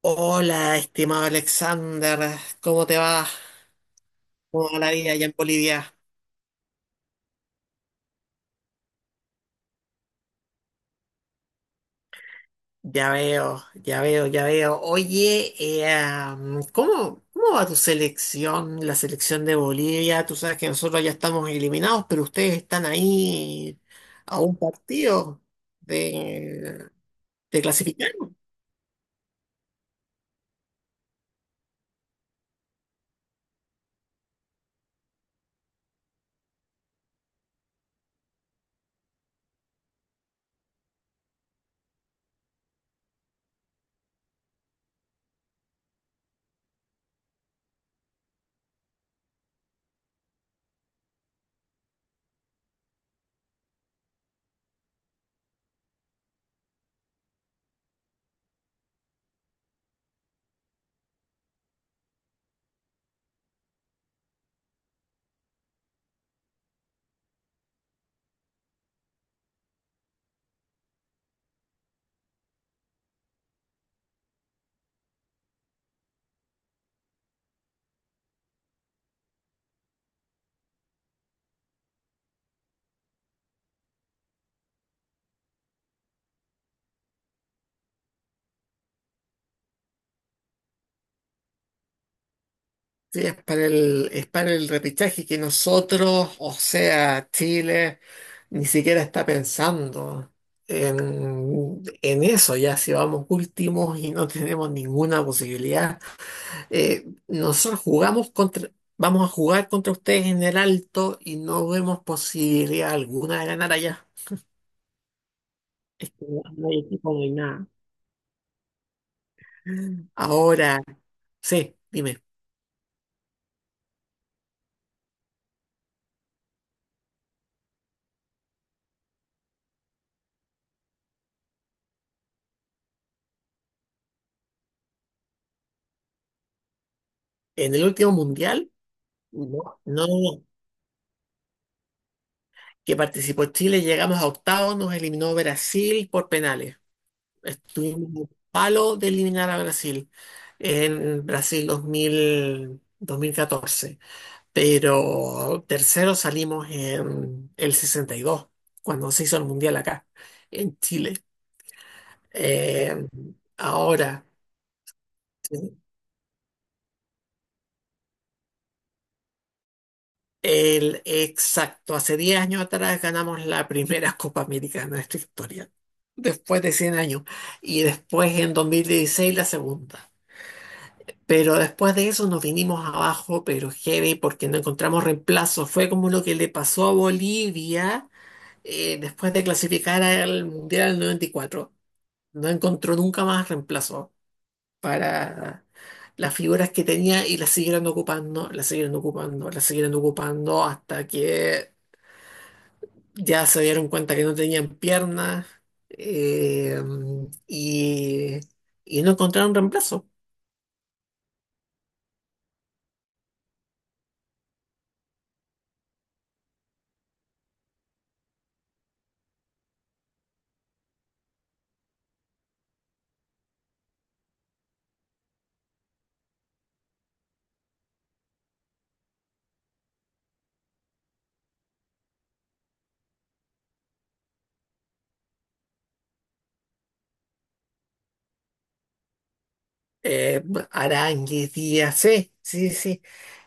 Hola, estimado Alexander, ¿cómo te va? ¿Cómo va la vida allá en Bolivia? Ya veo, ya veo, ya veo. Oye, ¿Cómo va tu selección, la selección de Bolivia? Tú sabes que nosotros ya estamos eliminados, pero ustedes están ahí a un partido de, de clasificar. Sí, es para el repechaje que nosotros, o sea, Chile, ni siquiera está pensando en eso, ya si vamos últimos y no tenemos ninguna posibilidad. Eh, nosotros jugamos contra, vamos a jugar contra ustedes en el alto y no vemos posibilidad alguna de ganar allá. Es que no hay equipo, no hay nada. Ahora, sí, dime. En el último mundial, no, no, no, no, que participó Chile, llegamos a octavos, nos eliminó Brasil por penales. Estuvimos un palo de eliminar a Brasil en Brasil 2000, 2014, pero tercero salimos en el 62, cuando se hizo el Mundial acá, en Chile. Eh, ahora. Sí. Exacto, hace 10 años atrás ganamos la primera Copa América de nuestra historia, después de 100 años, y después en 2016 la segunda. Pero después de eso nos vinimos abajo, pero heavy, porque no encontramos reemplazo. Fue como lo que le pasó a Bolivia después de clasificar al Mundial del 94. No encontró nunca más reemplazo para las figuras que tenía y las siguieron ocupando, las siguieron ocupando, las siguieron ocupando hasta que ya se dieron cuenta que no tenían piernas eh, y, y no encontraron reemplazo. Eh, Aránguiz, Díaz, sí, sí, sí.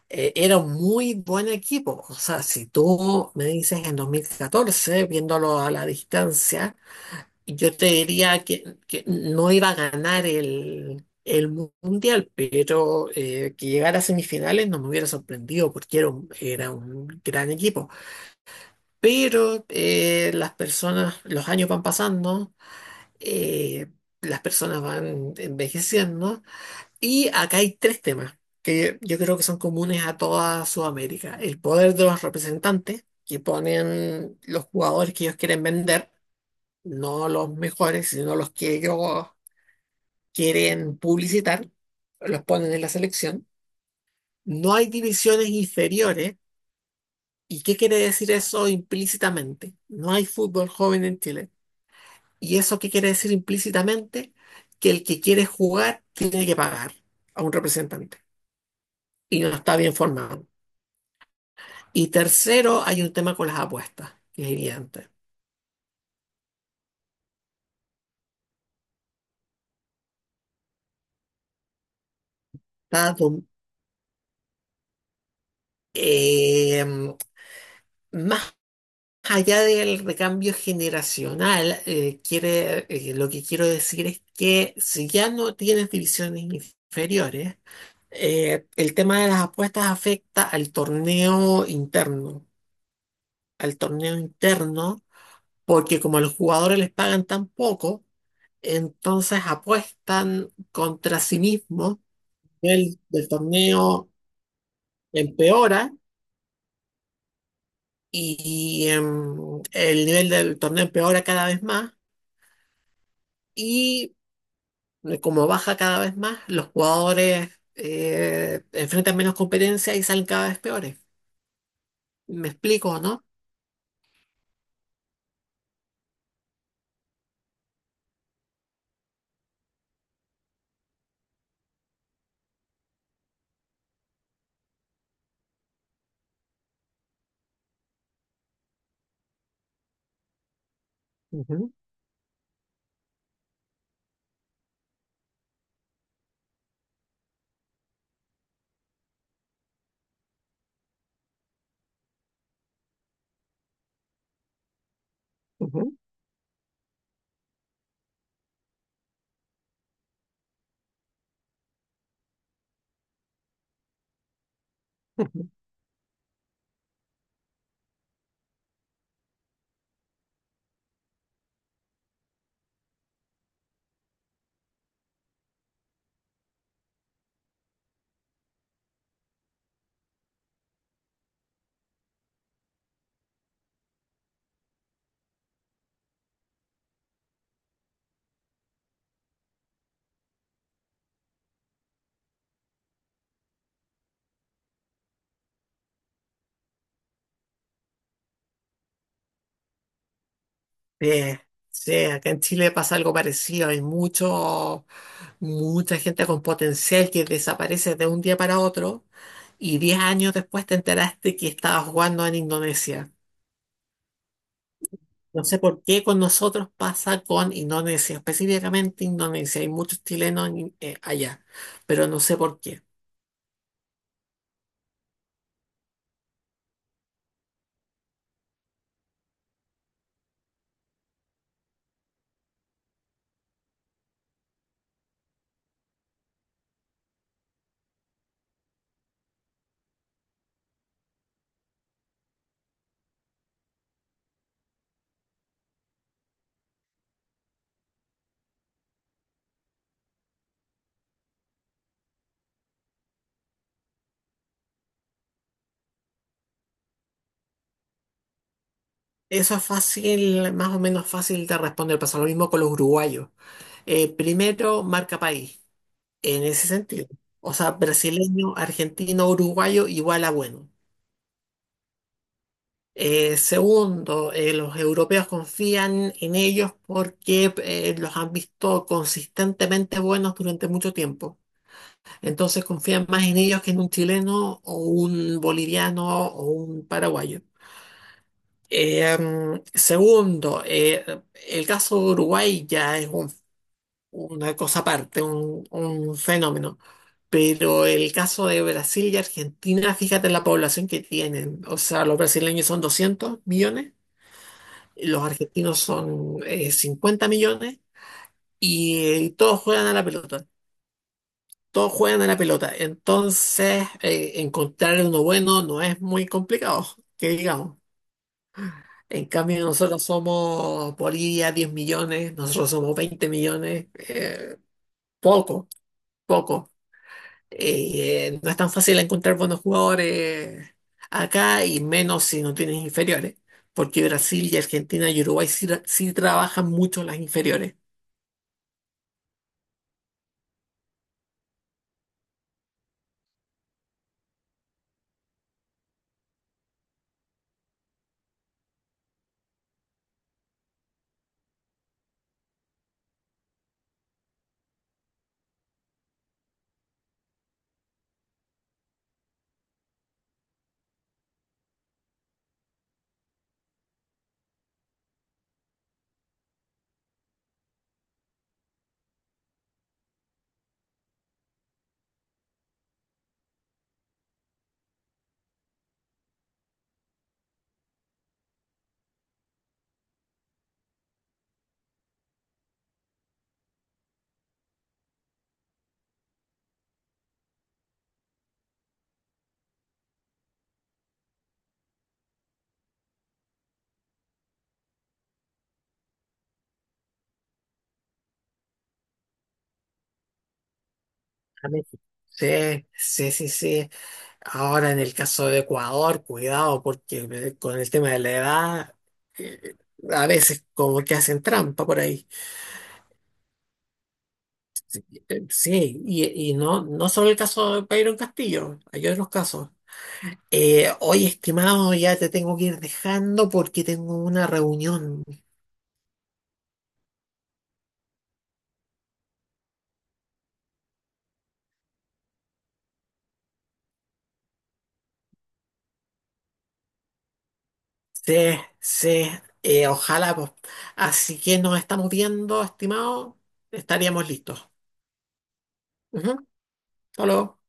Era un muy buen equipo. O sea, si tú me dices en 2014 viéndolo a la distancia, yo te diría que no iba a ganar el mundial, pero que llegara a semifinales no me hubiera sorprendido porque era un gran equipo. Pero las personas, los años van pasando, eh, las personas van envejeciendo y acá hay tres temas que yo creo que son comunes a toda Sudamérica. El poder de los representantes que ponen los jugadores que ellos quieren vender, no los mejores, sino los que ellos quieren publicitar, los ponen en la selección. No hay divisiones inferiores. ¿Y qué quiere decir eso implícitamente? No hay fútbol joven en Chile. ¿Y eso qué quiere decir implícitamente? Que el que quiere jugar tiene que pagar a un representante y no está bien formado. Y tercero, hay un tema con las apuestas, que es evidente. Está dom- eh, más allá del recambio generacional, lo que quiero decir es que si ya no tienes divisiones inferiores, el tema de las apuestas afecta al torneo interno. Al torneo interno porque como a los jugadores les pagan tan poco, entonces apuestan contra sí mismos. El nivel del torneo empeora y el nivel del torneo empeora cada vez más y como baja cada vez más, los jugadores enfrentan menos competencia y salen cada vez peores. ¿Me explico, no? Ujú, ujú, ujú. Sí, sí, acá en Chile pasa algo parecido. Hay mucha gente con potencial que desaparece de un día para otro y 10 años después te enteraste que estaba jugando en Indonesia. No sé por qué con nosotros pasa con Indonesia, específicamente Indonesia. Hay muchos chilenos allá, pero no sé por qué. Eso es fácil, más o menos fácil de responder. Pasa lo mismo con los uruguayos. Primero, marca país, en ese sentido. O sea, brasileño, argentino, uruguayo, igual a bueno. Segundo, los europeos confían en ellos porque los han visto consistentemente buenos durante mucho tiempo. Entonces confían más en ellos que en un chileno o un boliviano o un paraguayo. Segundo, el caso de Uruguay ya es un una cosa aparte, un fenómeno. Pero el caso de Brasil y Argentina, fíjate la población que tienen. O sea, los brasileños son 200 millones, los argentinos son 50 millones y, todos juegan a la pelota. Todos juegan a la pelota. Entonces, encontrar uno bueno no es muy complicado, que digamos. En cambio, nosotros somos Bolivia 10 millones, nosotros somos 20 millones, poco, poco. No es tan fácil encontrar buenos jugadores acá y menos si no tienes inferiores, porque Brasil y Argentina y Uruguay sí trabajan mucho las inferiores. A México. Sí, sí, sí, sí. Ahora en el caso de Ecuador, cuidado, porque con el tema de la edad, eh, a veces como que hacen trampa por ahí. Sí, y no, no solo el caso de Byron Castillo, hay otros casos. Oye, estimado, ya te tengo que ir dejando porque tengo una reunión. Sí, sí, ojalá, pues. Así que nos estamos viendo, estimado. Estaríamos listos. Ujú. Hasta luego.